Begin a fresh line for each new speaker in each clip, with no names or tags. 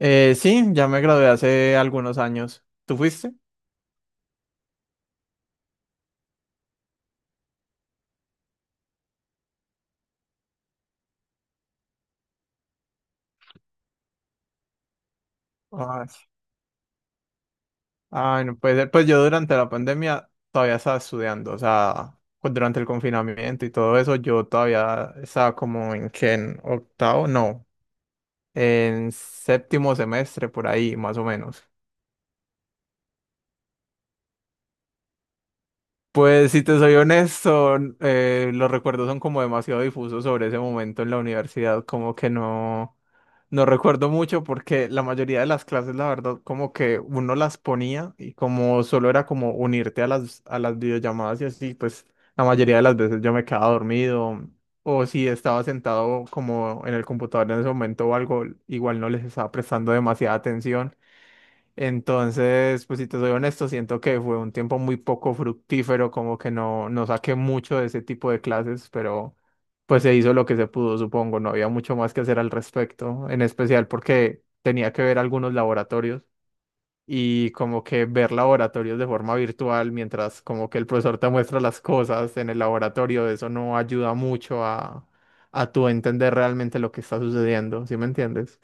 Sí, ya me gradué hace algunos años. ¿Tú fuiste? Ay, ay, no puede ser. Pues yo durante la pandemia todavía estaba estudiando, o sea, durante el confinamiento y todo eso, yo todavía estaba como en que en octavo, no, en séptimo semestre por ahí, más o menos. Pues si te soy honesto, los recuerdos son como demasiado difusos sobre ese momento en la universidad, como que no, no recuerdo mucho porque la mayoría de las clases, la verdad, como que uno las ponía y como solo era como unirte a las videollamadas y así, pues la mayoría de las veces yo me quedaba dormido o si estaba sentado como en el computador en ese momento o algo, igual no les estaba prestando demasiada atención. Entonces, pues si te soy honesto, siento que fue un tiempo muy poco fructífero, como que no, no saqué mucho de ese tipo de clases, pero pues se hizo lo que se pudo, supongo, no había mucho más que hacer al respecto, en especial porque tenía que ver algunos laboratorios y como que ver laboratorios de forma virtual mientras como que el profesor te muestra las cosas en el laboratorio, eso no ayuda mucho a tu entender realmente lo que está sucediendo, ¿sí me entiendes?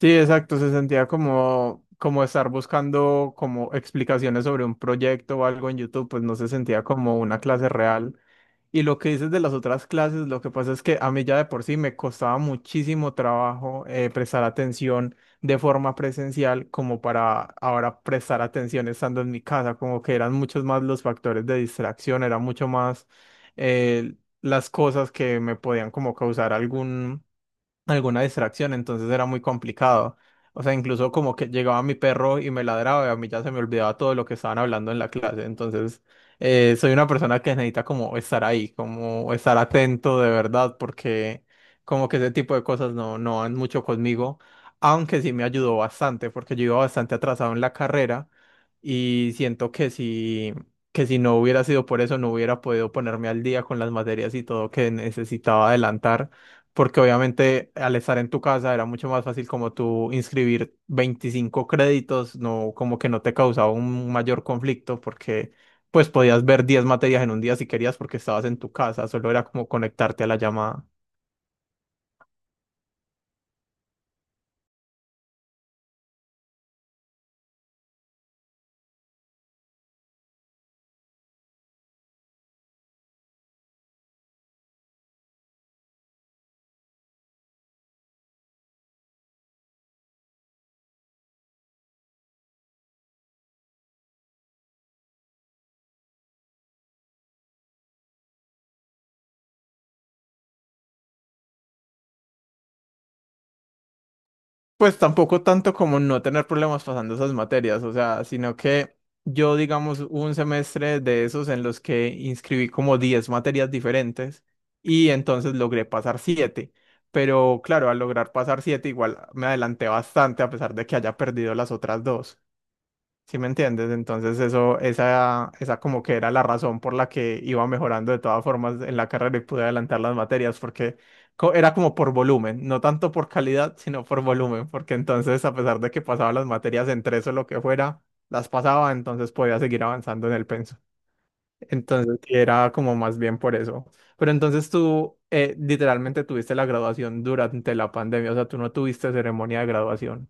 Sí, exacto, se sentía como, como estar buscando como explicaciones sobre un proyecto o algo en YouTube, pues no se sentía como una clase real. Y lo que dices de las otras clases, lo que pasa es que a mí ya de por sí me costaba muchísimo trabajo prestar atención de forma presencial como para ahora prestar atención estando en mi casa, como que eran muchos más los factores de distracción, era mucho más eh, las cosas que me podían como causar algún alguna distracción, entonces era muy complicado. O sea, incluso como que llegaba mi perro y me ladraba y a mí ya se me olvidaba todo lo que estaban hablando en la clase. Entonces, soy una persona que necesita como estar ahí, como estar atento de verdad, porque como que ese tipo de cosas no, no van mucho conmigo, aunque sí me ayudó bastante, porque yo iba bastante atrasado en la carrera y siento que si no hubiera sido por eso, no hubiera podido ponerme al día con las materias y todo que necesitaba adelantar porque obviamente al estar en tu casa era mucho más fácil como tú inscribir 25 créditos, no como que no te causaba un mayor conflicto porque pues podías ver 10 materias en un día si querías porque estabas en tu casa, solo era como conectarte a la llamada. Pues tampoco tanto como no tener problemas pasando esas materias, o sea, sino que yo, digamos, hubo un semestre de esos en los que inscribí como 10 materias diferentes y entonces logré pasar 7. Pero claro, al lograr pasar 7 igual me adelanté bastante a pesar de que haya perdido las otras dos. ¿Sí me entiendes? Entonces eso, esa como que era la razón por la que iba mejorando de todas formas en la carrera y pude adelantar las materias, porque era como por volumen, no tanto por calidad, sino por volumen, porque entonces a pesar de que pasaba las materias en tres o lo que fuera, las pasaba, entonces podía seguir avanzando en el penso. Entonces sí, era como más bien por eso. Pero entonces tú literalmente tuviste la graduación durante la pandemia, o sea, tú no tuviste ceremonia de graduación.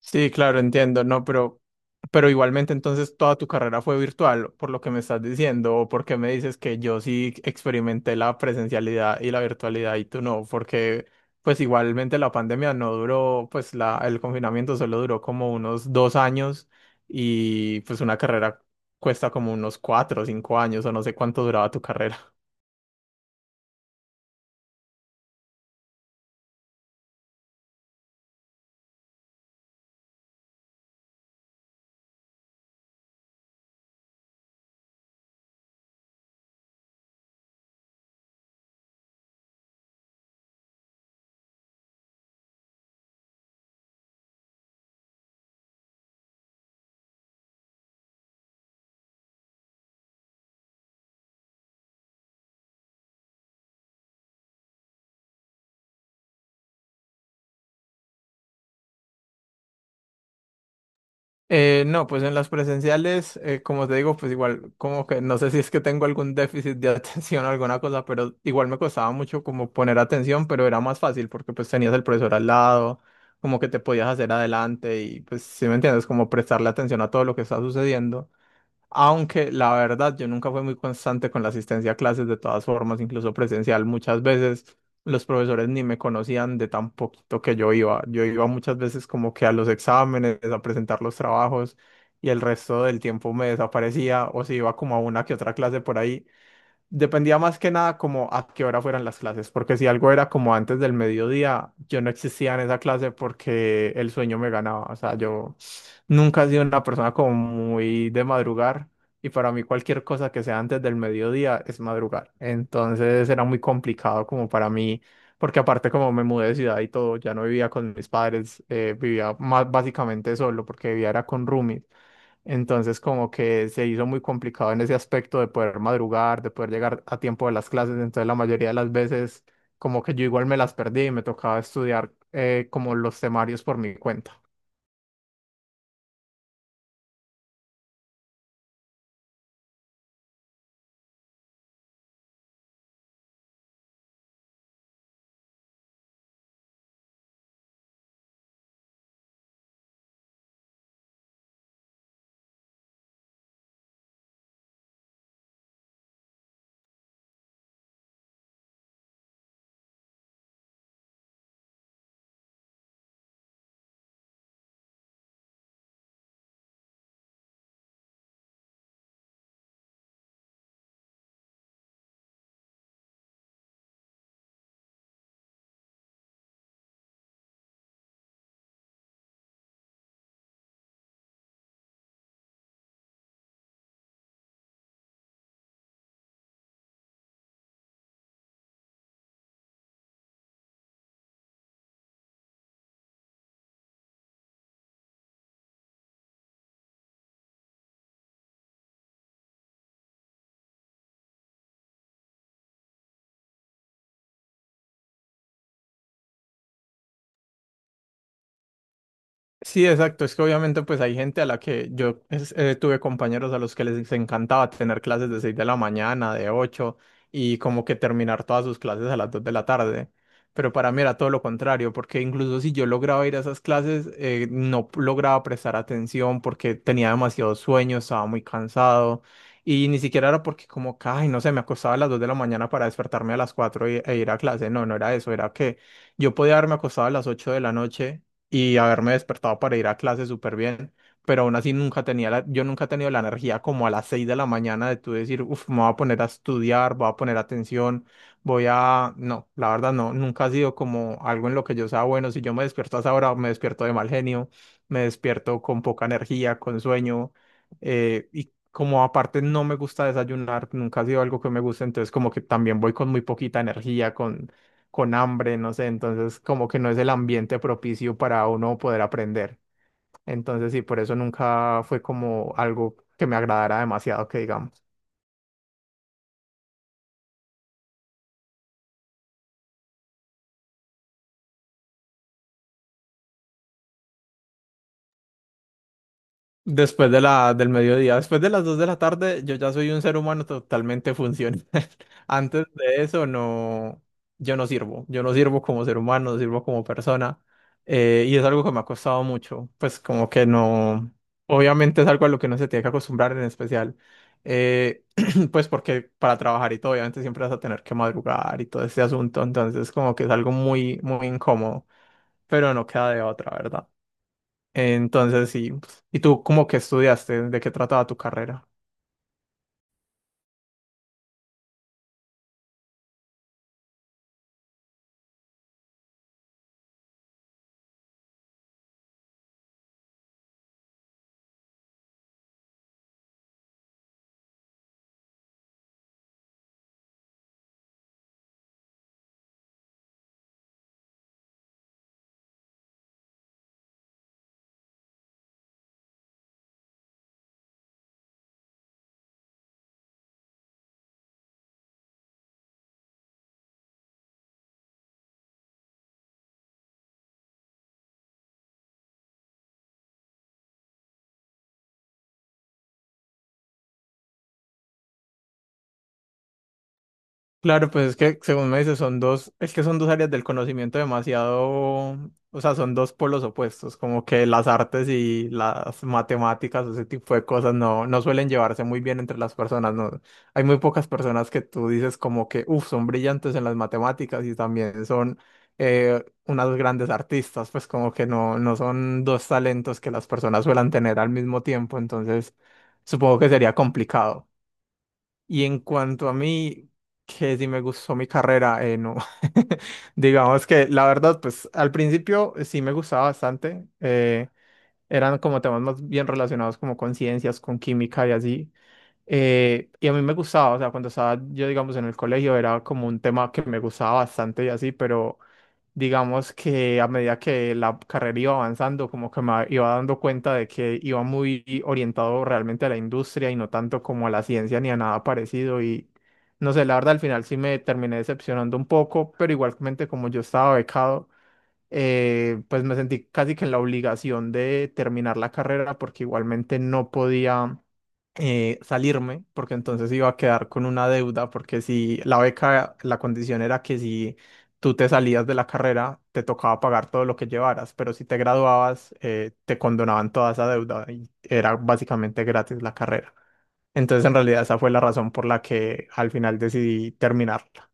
Sí, claro, entiendo, no, pero igualmente entonces toda tu carrera fue virtual, por lo que me estás diciendo, o porque me dices que yo sí experimenté la presencialidad y la virtualidad y tú no, porque pues igualmente la pandemia no duró, pues la, el confinamiento solo duró como unos 2 años y pues una carrera cuesta como unos cuatro o cinco años o no sé cuánto duraba tu carrera. No, pues en las presenciales, como te digo, pues igual, como que no sé si es que tengo algún déficit de atención o alguna cosa, pero igual me costaba mucho como poner atención, pero era más fácil porque pues tenías el profesor al lado, como que te podías hacer adelante y pues si me entiendes, como prestarle atención a todo lo que está sucediendo. Aunque la verdad, yo nunca fui muy constante con la asistencia a clases de todas formas, incluso presencial. Muchas veces los profesores ni me conocían de tan poquito que yo iba. Yo iba muchas veces como que a los exámenes, a presentar los trabajos y el resto del tiempo me desaparecía o si iba como a una que otra clase por ahí. Dependía más que nada como a qué hora fueran las clases, porque si algo era como antes del mediodía, yo no existía en esa clase porque el sueño me ganaba. O sea, yo nunca he sido una persona como muy de madrugar y para mí cualquier cosa que sea antes del mediodía es madrugar. Entonces era muy complicado como para mí, porque aparte como me mudé de ciudad y todo, ya no vivía con mis padres, vivía más básicamente solo porque vivía era con roomies. Entonces, como que se hizo muy complicado en ese aspecto de poder madrugar, de poder llegar a tiempo de las clases. Entonces, la mayoría de las veces, como que yo igual me las perdí y me tocaba estudiar como los temarios por mi cuenta. Sí, exacto. Es que obviamente pues hay gente a la que yo tuve compañeros a los que les encantaba tener clases de 6 de la mañana, de 8 y como que terminar todas sus clases a las 2 de la tarde. Pero para mí era todo lo contrario, porque incluso si yo lograba ir a esas clases, no lograba prestar atención porque tenía demasiado sueño, estaba muy cansado y ni siquiera era porque como, que, ay, no sé, me acostaba a las 2 de la mañana para despertarme a las 4 e ir a clase. No, no era eso, era que yo podía haberme acostado a las 8 de la noche y haberme despertado para ir a clase súper bien, pero aún así nunca tenía la, yo nunca he tenido la energía como a las 6 de la mañana de tú decir, uff, me voy a poner a estudiar, voy a poner atención, voy a, no, la verdad no, nunca ha sido como algo en lo que yo sea bueno, si yo me despierto a esa hora, me despierto de mal genio, me despierto con poca energía, con sueño, Como aparte no me gusta desayunar, nunca ha sido algo que me guste, entonces como que también voy con muy poquita energía, con hambre, no sé, entonces como que no es el ambiente propicio para uno poder aprender. Entonces sí, por eso nunca fue como algo que me agradara demasiado, que digamos. Después de la, del mediodía, después de las 2 de la tarde, yo ya soy un ser humano totalmente funcional. Antes de eso, no, yo no sirvo. Yo no sirvo como ser humano, no sirvo como persona. Es algo que me ha costado mucho. Pues como que no, obviamente es algo a lo que no se tiene que acostumbrar en especial. eh, pues porque para trabajar y todo, obviamente siempre vas a tener que madrugar y todo ese asunto. Entonces como que es algo muy, muy incómodo, pero no queda de otra, ¿verdad? Entonces, sí. Pues, ¿y tú cómo que estudiaste? ¿De qué trataba tu carrera? Claro, pues es que según me dices, son dos, es que son dos áreas del conocimiento demasiado, o sea, son dos polos opuestos, como que las artes y las matemáticas, ese tipo de cosas no, no suelen llevarse muy bien entre las personas, ¿no? Hay muy pocas personas que tú dices como que, uff, son brillantes en las matemáticas y también son unas grandes artistas, pues como que no, no son dos talentos que las personas suelen tener al mismo tiempo, entonces supongo que sería complicado. Y en cuanto a mí, que si me gustó mi carrera, no. Digamos que la verdad, pues al principio sí me gustaba bastante. Eran como temas más bien relacionados como con ciencias, con química y así. A mí me gustaba, o sea, cuando estaba yo, digamos, en el colegio era como un tema que me gustaba bastante y así, pero digamos que a medida que la carrera iba avanzando, como que me iba dando cuenta de que iba muy orientado realmente a la industria y no tanto como a la ciencia ni a nada parecido y no sé, la verdad al final sí me terminé decepcionando un poco, pero igualmente como yo estaba becado, pues me sentí casi que en la obligación de terminar la carrera porque igualmente no podía salirme, porque entonces iba a quedar con una deuda, porque si la beca, la condición era que si tú te salías de la carrera, te tocaba pagar todo lo que llevaras, pero si te graduabas, te condonaban toda esa deuda y era básicamente gratis la carrera. Entonces, en realidad, esa fue la razón por la que al final decidí terminarla.